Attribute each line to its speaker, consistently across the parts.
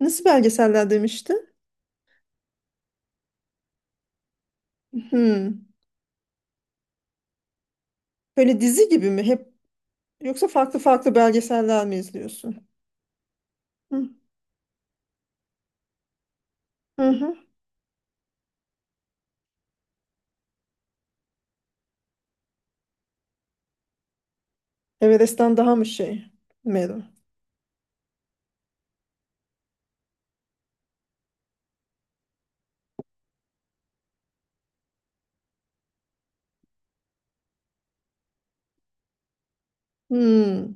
Speaker 1: Nasıl belgeseller demişti? Hmm. Böyle dizi gibi mi? Hep yoksa farklı farklı belgeseller mi izliyorsun? Hı hı. hı. Everest'ten daha mı şey? Meru. Hmm.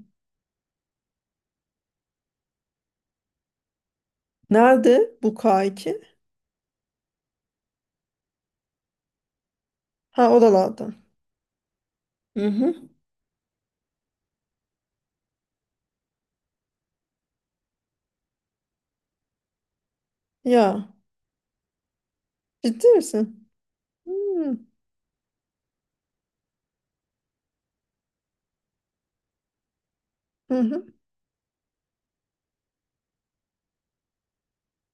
Speaker 1: Nerede bu K2? Ha oralardan. Hı hı. Ya ciddi misin? Hmm. Hı hı.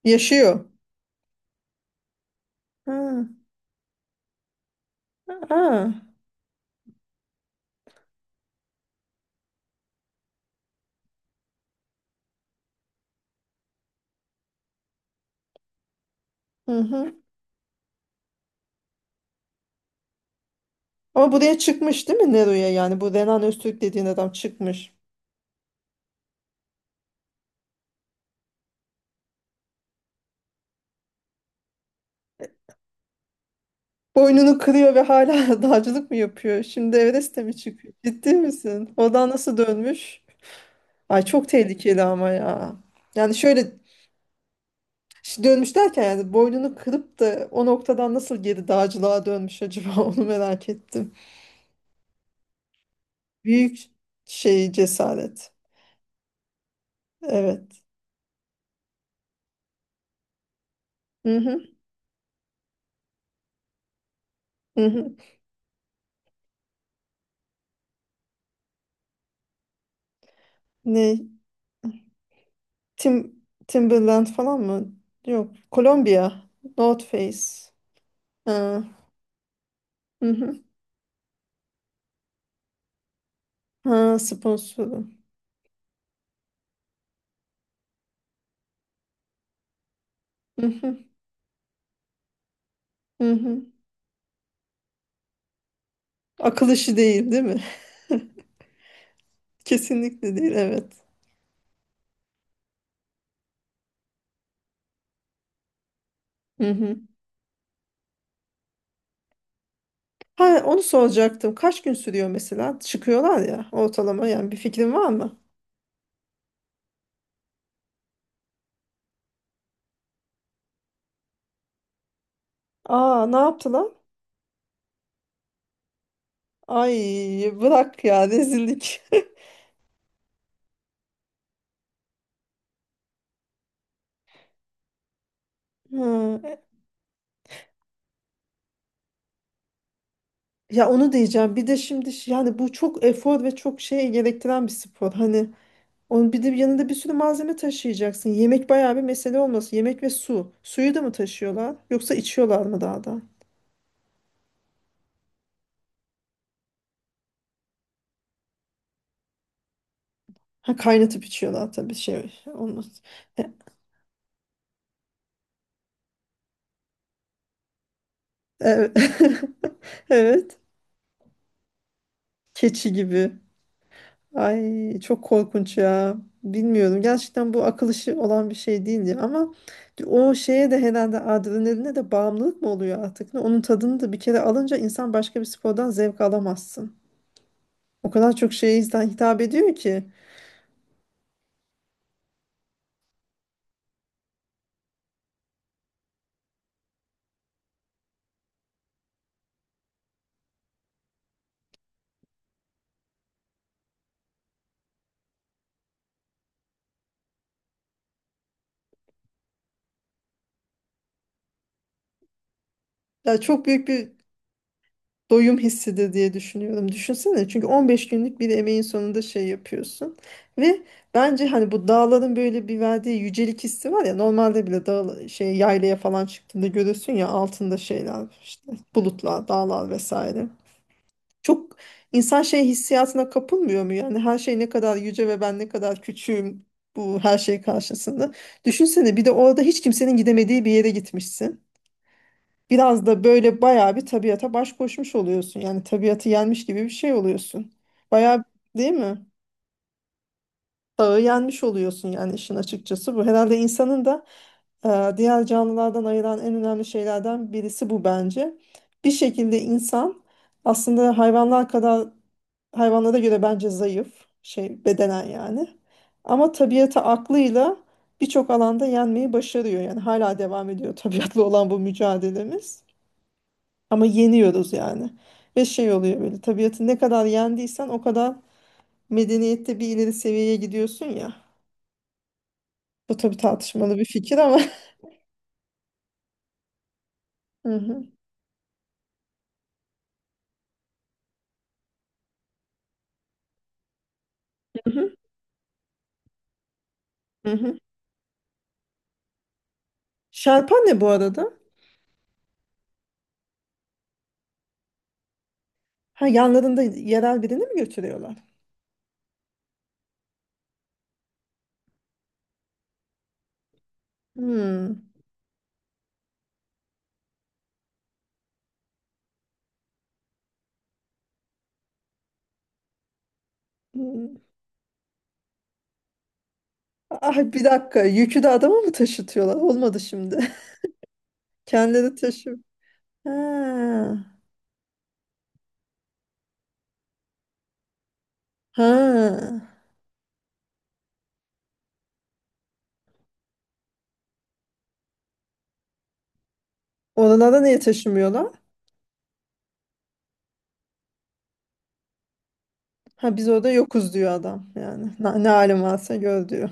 Speaker 1: Yaşıyor. Ha. Aa. Hı hı. Ama buraya çıkmış değil mi Nero'ya yani? Bu Renan Öztürk dediğin adam çıkmış. Boynunu kırıyor ve hala dağcılık mı yapıyor? Şimdi Everest'e mi çıkıyor? Ciddi misin? Oradan nasıl dönmüş? Ay çok tehlikeli ama ya. Yani şöyle dönmüş derken yani boynunu kırıp da o noktadan nasıl geri dağcılığa dönmüş acaba onu merak ettim. Büyük şey cesaret. Evet. Hı hı, hı hı. Ne? Tim Timberland falan mı? Yok. Kolombiya. North Face. Ha, hı hı. Ha, sponsoru. Hı hı, hı hı. Akıl işi değil, değil mi? Kesinlikle değil, evet. Hı hı. Ha, onu soracaktım. Kaç gün sürüyor mesela? Çıkıyorlar ya ortalama yani bir fikrin var mı? Aa, ne yaptılar? Ay bırak ya rezillik. Ha, ya onu diyeceğim. Bir de şimdi yani bu çok efor ve çok şey gerektiren bir spor. Hani onun bir de yanında bir sürü malzeme taşıyacaksın. Yemek bayağı bir mesele olması. Yemek ve su. Suyu da mı taşıyorlar? Yoksa içiyorlar mı daha da? Ha, kaynatıp içiyorlar tabii şey olmaz. Evet. Evet. Keçi gibi. Ay çok korkunç ya. Bilmiyorum. Gerçekten bu akıl işi olan bir şey değildi ama o şeye de herhalde adrenaline de bağımlılık mı oluyor artık? Ne? Onun tadını da bir kere alınca insan başka bir spordan zevk alamazsın. O kadar çok şeye insan hitap ediyor ki. Ya çok büyük bir doyum hissidir diye düşünüyorum. Düşünsene çünkü 15 günlük bir emeğin sonunda şey yapıyorsun. Ve bence hani bu dağların böyle bir verdiği yücelik hissi var ya normalde bile dağ şey yaylaya falan çıktığında görürsün ya altında şeyler işte bulutlar, dağlar vesaire. Çok insan şey hissiyatına kapılmıyor mu? Yani her şey ne kadar yüce ve ben ne kadar küçüğüm bu her şey karşısında. Düşünsene bir de orada hiç kimsenin gidemediği bir yere gitmişsin. Biraz da böyle bayağı bir tabiata baş koşmuş oluyorsun. Yani tabiatı yenmiş gibi bir şey oluyorsun. Bayağı değil mi? Dağı yenmiş oluyorsun yani işin açıkçası bu. Herhalde insanın da diğer canlılardan ayıran en önemli şeylerden birisi bu bence. Bir şekilde insan aslında hayvanlar kadar hayvanlara göre bence zayıf şey bedenen yani. Ama tabiata aklıyla birçok alanda yenmeyi başarıyor. Yani hala devam ediyor tabiatla olan bu mücadelemiz. Ama yeniyoruz yani. Ve şey oluyor böyle tabiatı ne kadar yendiysen o kadar medeniyette bir ileri seviyeye gidiyorsun ya. Bu tabii tartışmalı bir fikir ama. Hı hı. Hı hı. Şarpan ne bu arada? Ha yanlarında yerel birini mi götürüyorlar? Hmm. Hmm. Ay bir dakika yükü de adama mı taşıtıyorlar? Olmadı şimdi. Kendileri taşı. Ha. Ha. Oralara niye taşımıyorlar? Ha biz orada yokuz diyor adam yani. Ne, ne halin varsa gör diyor.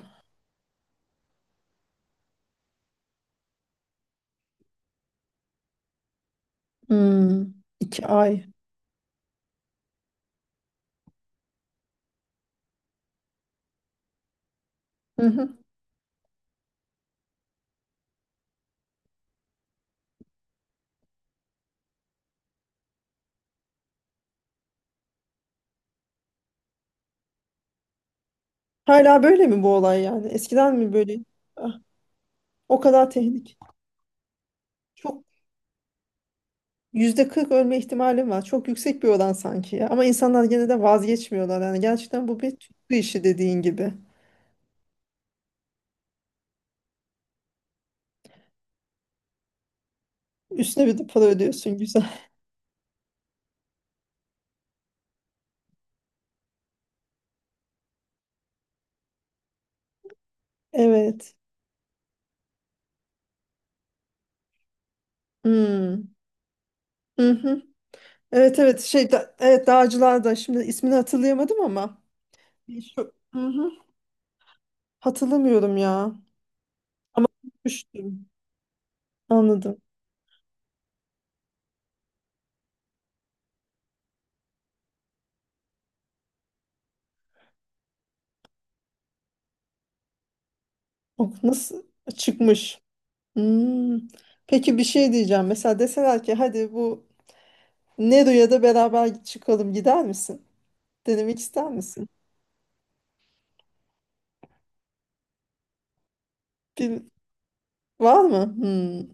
Speaker 1: Hmm, iki ay. Hı hı. Hala böyle mi bu olay yani? Eskiden mi böyle? Ah, o kadar tehlik. Çok %40 ölme ihtimalim var. Çok yüksek bir oran sanki ya. Ama insanlar gene de vazgeçmiyorlar. Yani gerçekten bu bir tutku işi dediğin gibi. Üstüne bir de para ödüyorsun güzel. Evet. Hmm. Hı hı. Evet evet şey da, evet dağcılar da şimdi ismini hatırlayamadım ama şu, hı hı. Hatırlamıyorum ya. Ama düştüm. Anladım. O nasıl çıkmış? Hmm. Peki bir şey diyeceğim. Mesela deseler ki hadi bu Nero'ya da beraber çıkalım gider misin? Denemek ister misin? Bil- Var mı? Hmm.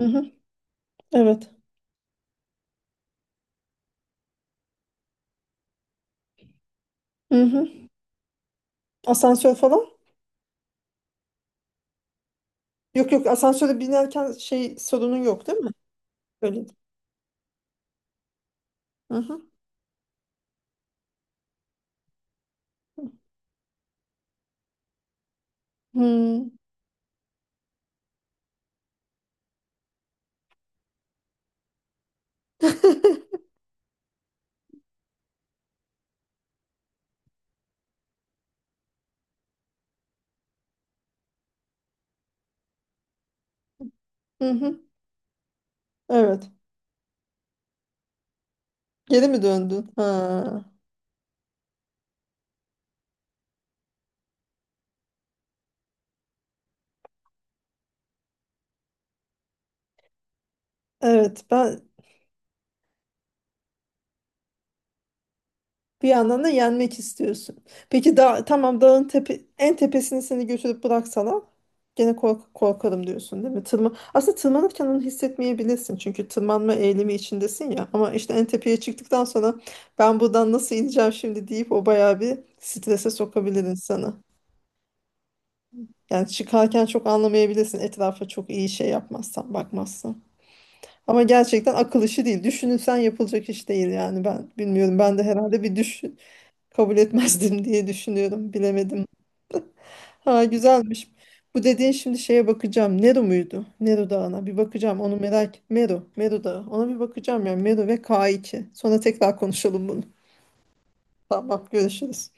Speaker 1: Hı hı. Evet. Hı hı. Asansör falan? Yok yok asansöre binerken şey sorunun yok değil mi? Öyle. Hı hı. Hmm. Hı hı. Evet. Geri mi döndün? Ha. Evet. Bir yandan da yenmek istiyorsun. Peki dağ, tamam dağın tepe, en tepesini seni götürüp bıraksalar gene kork korkarım diyorsun değil mi? Aslında tırmanırken onu hissetmeyebilirsin. Çünkü tırmanma eğilimi içindesin ya. Ama işte en tepeye çıktıktan sonra ben buradan nasıl ineceğim şimdi deyip o bayağı bir strese sokabilir insanı. Yani çıkarken çok anlamayabilirsin etrafa çok iyi şey yapmazsan, bakmazsan. Ama gerçekten akıl işi değil. Düşünülsen yapılacak iş değil yani ben bilmiyorum. Ben de herhalde bir düşün kabul etmezdim diye düşünüyorum. Bilemedim. Ha güzelmiş. Bu dediğin şimdi şeye bakacağım. Nero muydu? Nero Dağı'na bir bakacağım. Onu merak. Mero. Mero Dağı. Ona bir bakacağım yani. Mero ve K2. Sonra tekrar konuşalım bunu. Tamam görüşürüz.